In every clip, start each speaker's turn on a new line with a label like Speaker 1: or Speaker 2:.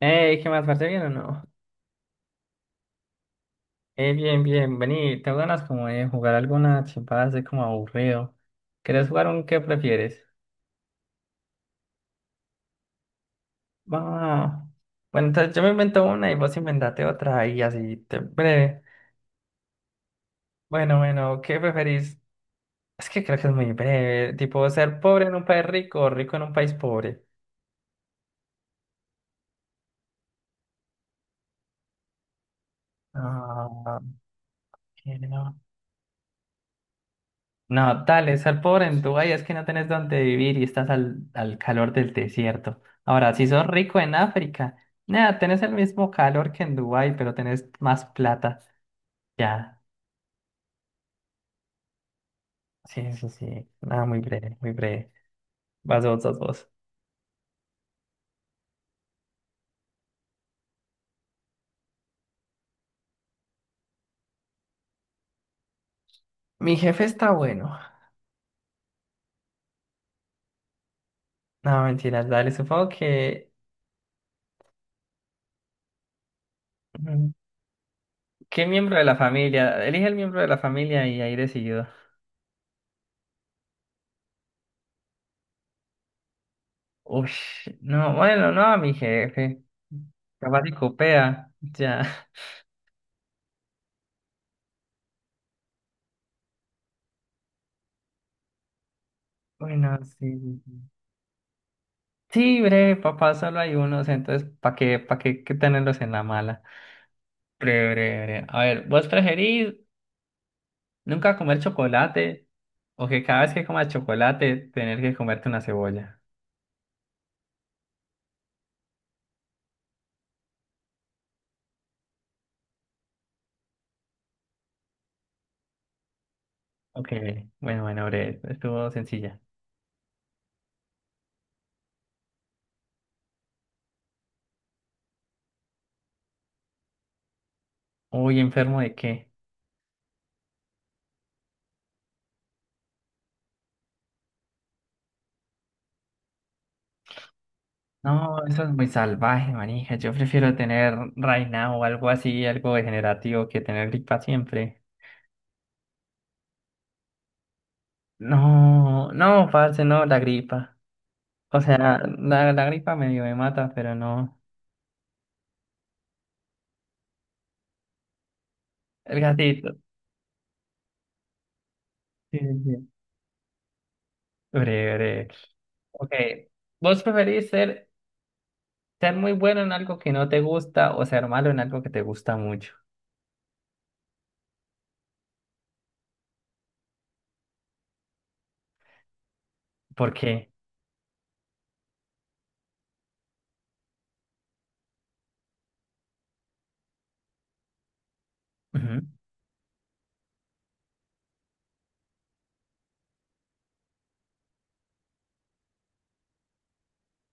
Speaker 1: Hey, ¿qué más, parce? ¿Bien o no? Bien, bien, vení, tengo ganas como de jugar alguna chimpada así como aburrido. ¿Querés jugar un qué prefieres? Va. Bueno, entonces yo me invento una y vos inventate otra y así, te breve. Bueno, bueno, ¿qué preferís? Es que creo que es muy breve, tipo ser pobre en un país rico o rico en un país pobre. Ah, ¿qué no? No, dale, estar pobre en Dubái es que no tenés dónde vivir y estás al calor del desierto. Ahora, si sos rico en África, nada, tenés el mismo calor que en Dubái, pero tenés más plata. Ya, sí, sí, sí. Nada, muy breve, muy breve. Vas vos, vas vos. Mi jefe está bueno. No, mentiras, dale, supongo que mm, ¿qué miembro de la familia? Elige el miembro de la familia y ahí decidido. Uy, no, bueno, no, mi jefe. Capaz y copea, ya. Bueno, sí. Sí, breve, papá, solo hay unos, entonces, para qué, qué tenerlos en la mala? Breve, breve, breve. A ver, ¿vos preferís nunca comer chocolate o que cada vez que comas chocolate tener que comerte una cebolla? Ok, bueno, bueno, breve, estuvo sencilla. Uy, ¿enfermo de qué? No, eso es muy salvaje, manija. Yo prefiero tener reina o algo así, algo degenerativo, que tener gripa siempre. No, no, parce, no, la gripa. O sea, la gripa medio me mata, pero no. El gatito. Sí, sí, sí. Breve, breve. Ok. ¿Vos preferís ser muy bueno en algo que no te gusta o ser malo en algo que te gusta mucho? ¿Por qué? Ujú,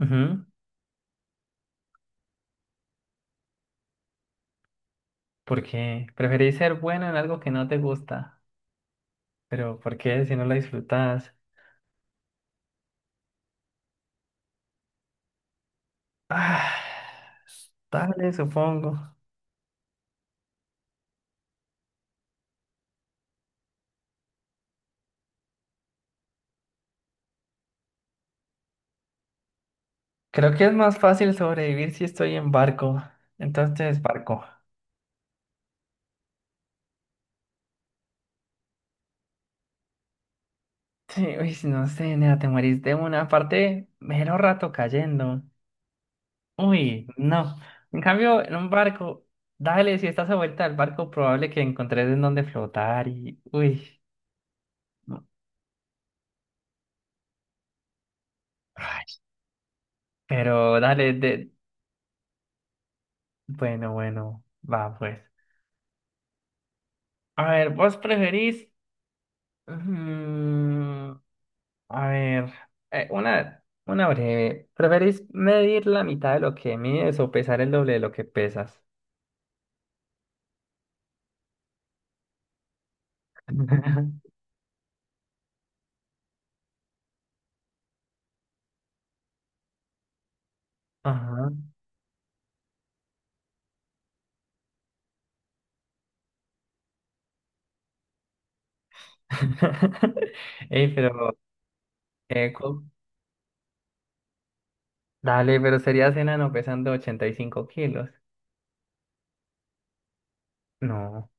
Speaker 1: ujú. ¿Por qué? ¿Preferís ser bueno en algo que no te gusta? ¿Pero por qué si no lo disfrutas? Ah, dale, supongo. Creo que es más fácil sobrevivir si estoy en barco. Entonces, barco. Sí, uy, no sé, nena, te morís de una parte, mero rato cayendo. Uy, no. En cambio, en un barco, dale, si estás a vuelta al barco, probable que encontres en dónde flotar y... Uy, no. Ay, pero dale, de... Bueno, bueno, va pues. A ver, ¿vos preferís... mm, a ver, una breve. ¿Preferís medir la mitad de lo que mides o pesar el doble de lo que pesas? Ajá. Ey, pero... eh, cu- Dale, pero serías enano pesando 85 kilos. No.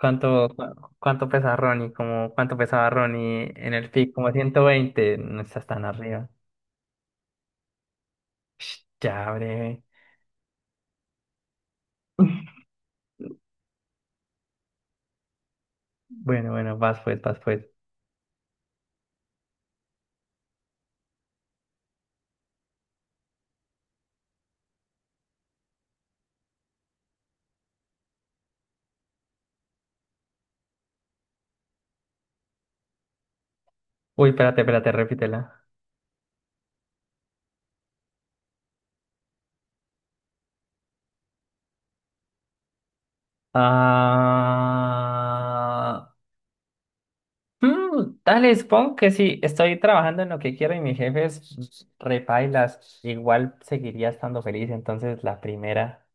Speaker 1: ¿Cuánto pesa Ronnie? Como, ¿cuánto pesaba Ronnie en el pic? Como 120. No estás tan arriba. Sh, ya, breve. Bueno, bueno, vas pues, vas pues. Uy, espérate, espérate, repítela. Ah. Mm, dale, supongo que sí, estoy trabajando en lo que quiero y mi jefe es repailas, igual seguiría estando feliz, entonces la primera.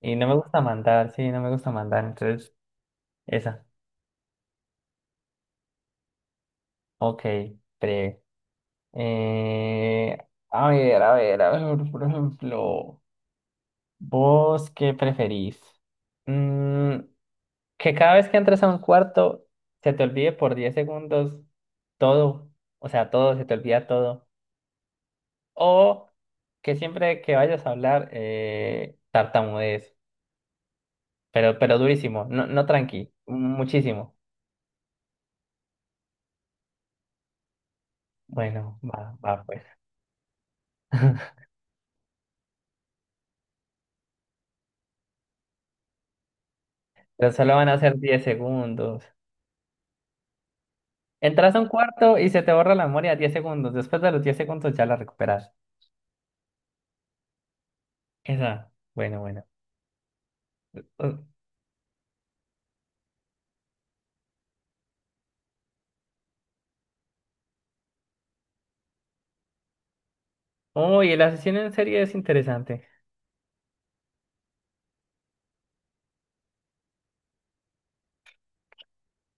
Speaker 1: Y no me gusta mandar, sí, no me gusta mandar, entonces esa. Ok, pre. Eh, a ver, a ver, a ver, por ejemplo, ¿vos qué preferís? Mm, que cada vez que entres a un cuarto se te olvide por 10 segundos todo, o sea, todo, se te olvida todo. O que siempre que vayas a hablar, tartamudees, pero durísimo, no, no tranqui, muchísimo. Bueno, va, va pues. Pero solo van a ser 10 segundos. Entras a un cuarto y se te borra la memoria 10 segundos. Después de los 10 segundos ya la recuperas. Esa, bueno, bueno. Uh, uy, el asesino en serie es interesante.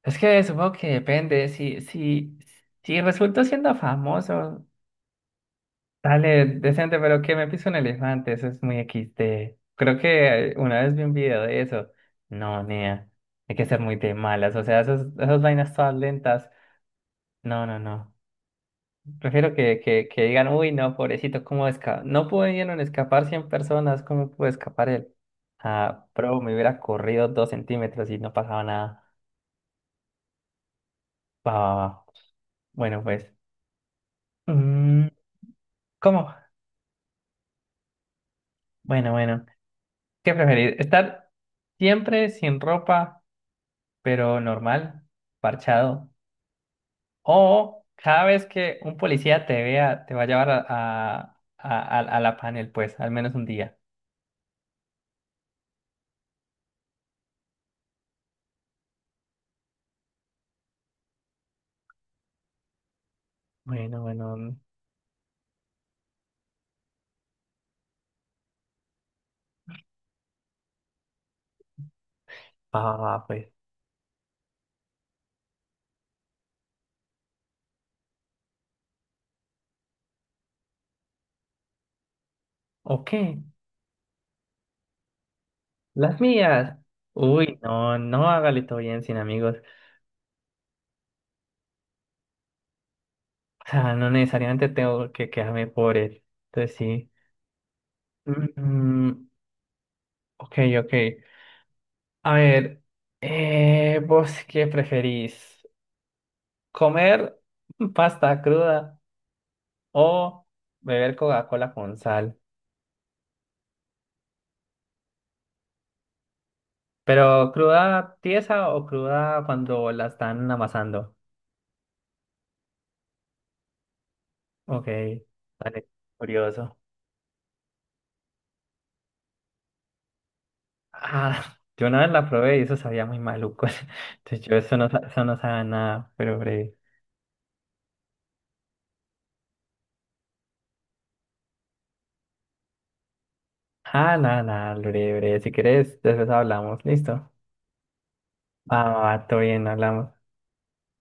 Speaker 1: Es que supongo que depende. Si, si resulto siendo famoso, dale, decente, pero que me pise un elefante, eso es muy equis XD. Creo que una vez vi un video de eso. No, nea, hay que ser muy de malas, o sea, esas vainas todas lentas. No, no, no. Prefiero que digan, uy, no, pobrecito, ¿cómo escapa? No pudieron escapar 100 personas, ¿cómo pudo escapar él? Ah, pero me hubiera corrido 2 centímetros y no pasaba nada. Va, va, va. Bueno, pues. mm, ¿Cómo? Bueno, bueno. ¿Qué preferir? ¿Estar siempre sin ropa? Pero normal, parchado. O cada vez que un policía te vea, te va a llevar a la panel, pues, al menos un día. Bueno, bueno, va, va, va, pues. Ok, las mías. Uy, no, no hágale todo bien sin amigos. O sea, no necesariamente tengo que quedarme por él. Entonces sí. Mm, ok, ok. A ver, ¿vos qué preferís? ¿Comer pasta cruda o beber Coca-Cola con sal? Pero cruda tiesa o cruda cuando la están amasando. Ok, vale, curioso. Ah, yo una vez la probé y eso sabía muy maluco. Entonces yo eso no, sa- Eso no sabe a nada, pero breve. Ah, nada, nada, breve, breve. Si quieres, después hablamos. Listo. Ah, va, todo bien, hablamos.